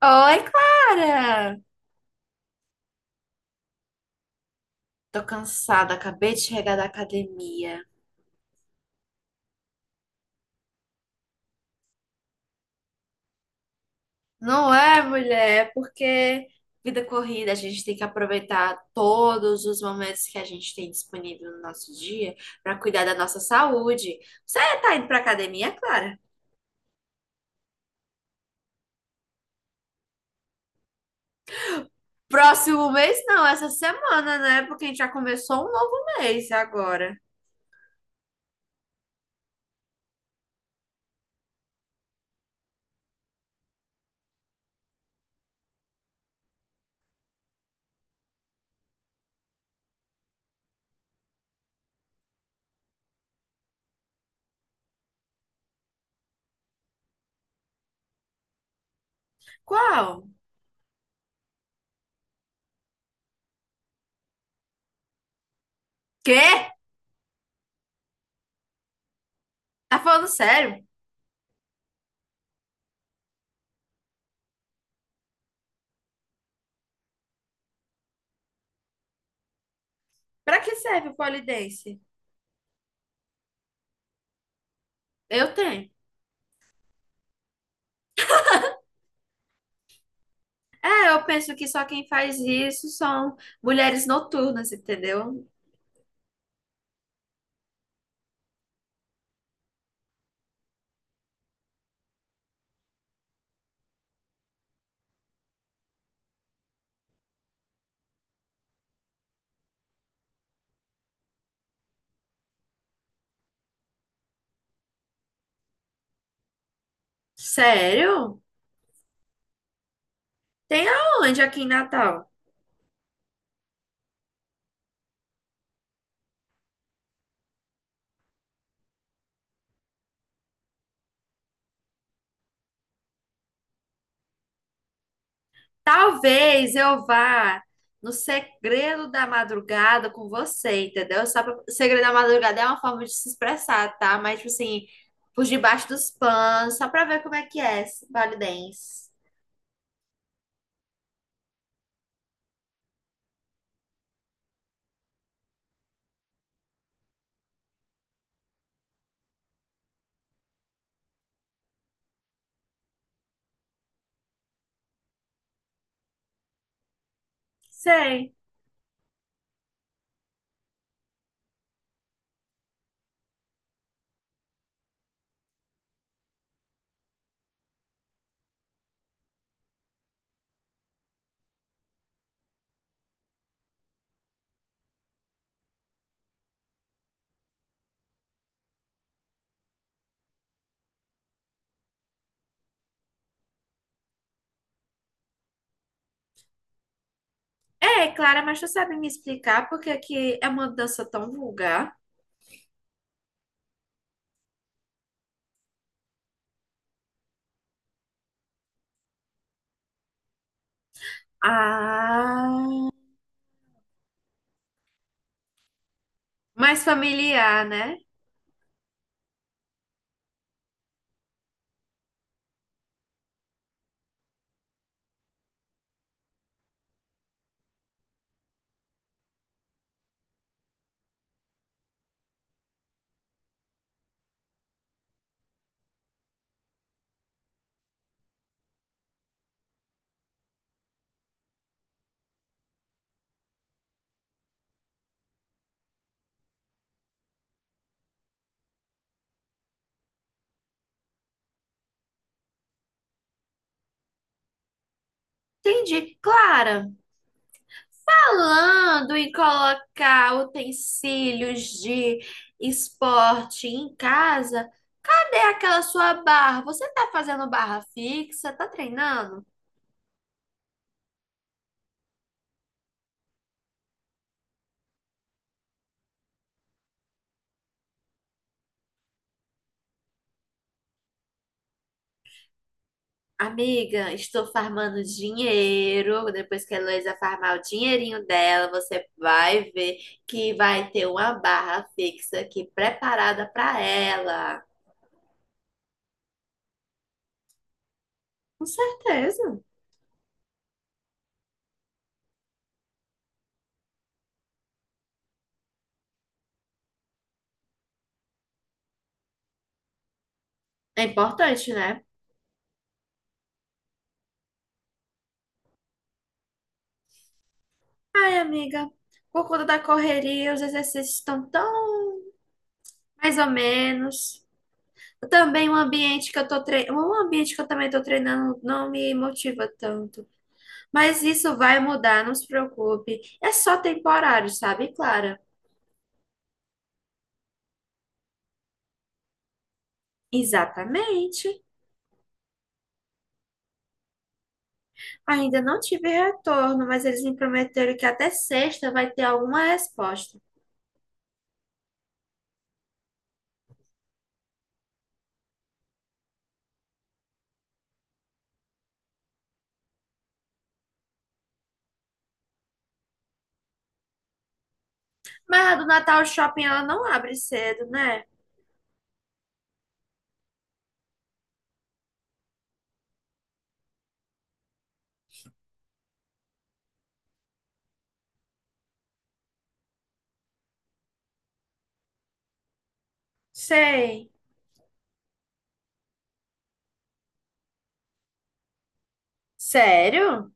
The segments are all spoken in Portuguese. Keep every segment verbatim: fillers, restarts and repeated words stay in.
Oi, Clara! Tô cansada, acabei de chegar da academia. Não é, mulher? É porque vida corrida, a gente tem que aproveitar todos os momentos que a gente tem disponível no nosso dia pra cuidar da nossa saúde. Você tá indo pra academia, Clara? Próximo mês não, essa semana, né? Porque a gente já começou um novo mês agora. Qual? Quê? Tá falando sério? Pra que serve o pole dance? Eu tenho. É, eu penso que só quem faz isso são mulheres noturnas, entendeu? Sério? Tem aonde aqui em Natal? Talvez eu vá no segredo da madrugada com você, entendeu? Só pra... Segredo da madrugada é uma forma de se expressar, tá? Mas, tipo assim, por debaixo dos panos, só pra ver como é que é esse Vale Dance. Sei. É, Clara, mas tu sabe me explicar porque aqui é uma dança tão vulgar? Ah, mais familiar, né? Entendi. Clara, falando em colocar utensílios de esporte em casa, cadê aquela sua barra? Você tá fazendo barra fixa? Tá treinando? Amiga, estou farmando dinheiro. Depois que a Heloísa farmar o dinheirinho dela, você vai ver que vai ter uma barra fixa aqui preparada para ela. Com certeza. É importante, né? Ai, amiga, por conta da correria, os exercícios estão tão mais ou menos. Também o ambiente que eu tô treinando, um ambiente que eu também tô treinando não me motiva tanto. Mas isso vai mudar, não se preocupe. É só temporário, sabe, Clara? Exatamente. Ainda não tive retorno, mas eles me prometeram que até sexta vai ter alguma resposta. Mas a do Natal o Shopping ela não abre cedo, né? Sei. Sério?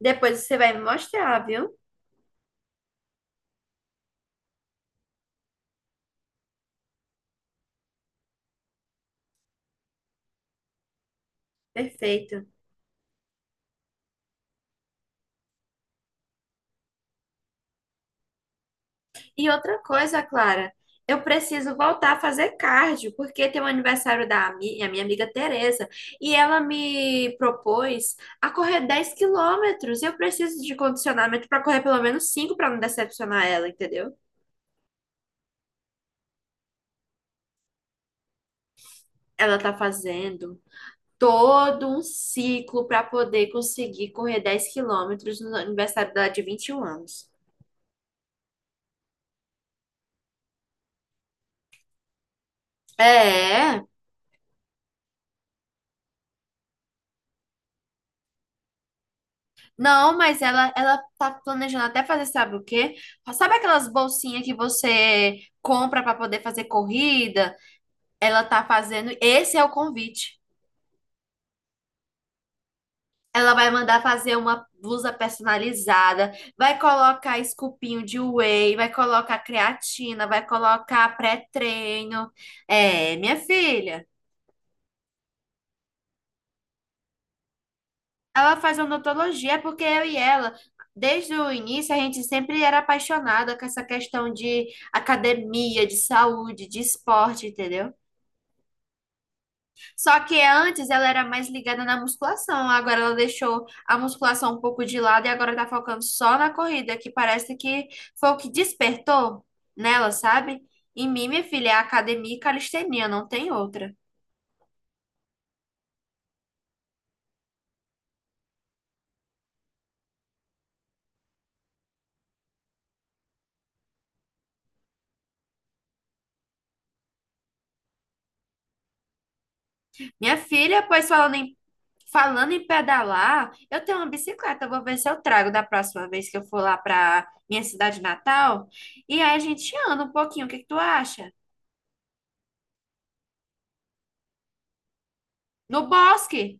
Depois você vai me mostrar, viu? Perfeito. E outra coisa, Clara, eu preciso voltar a fazer cardio, porque tem o aniversário da ami- a minha amiga Tereza, e ela me propôs a correr dez quilômetros. e Eu preciso de condicionamento para correr pelo menos cinco para não decepcionar ela, entendeu? Ela tá fazendo todo um ciclo para poder conseguir correr dez quilômetros no aniversário dela de vinte e um anos. É. Não, mas ela, ela tá planejando até fazer, sabe o quê? Sabe aquelas bolsinhas que você compra para poder fazer corrida? Ela tá fazendo, esse é o convite. Ela vai mandar fazer uma blusa personalizada, vai colocar esculpinho de whey, vai colocar creatina, vai colocar pré-treino. É, minha filha. Ela faz odontologia porque eu e ela, desde o início, a gente sempre era apaixonada com essa questão de academia, de saúde, de esporte, entendeu? Só que antes ela era mais ligada na musculação, agora ela deixou a musculação um pouco de lado e agora tá focando só na corrida, que parece que foi o que despertou nela, sabe? Em mim, minha filha, é academia e calistenia, não tem outra. Minha filha, pois falando em, falando em pedalar, eu tenho uma bicicleta, eu vou ver se eu trago da próxima vez que eu for lá para minha cidade natal. E aí a gente anda um pouquinho, o que que tu acha? No bosque.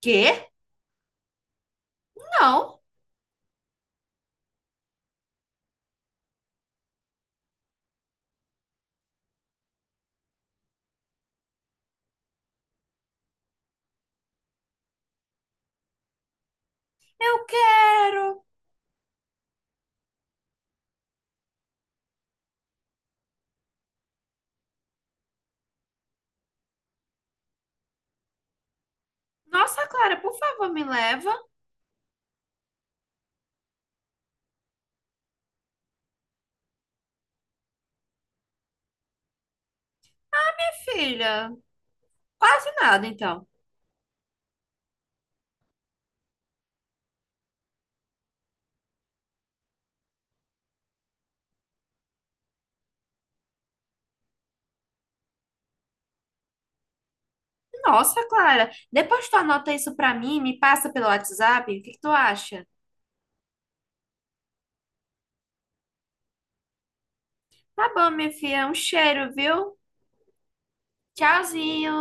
Quê? Não, eu quero. Nossa, Clara, por favor, me leva. Minha filha, quase nada então. Nossa, Clara, depois tu anota isso pra mim, me passa pelo WhatsApp, o que que tu acha? Tá bom, minha filha, um cheiro, viu? Tchauzinho.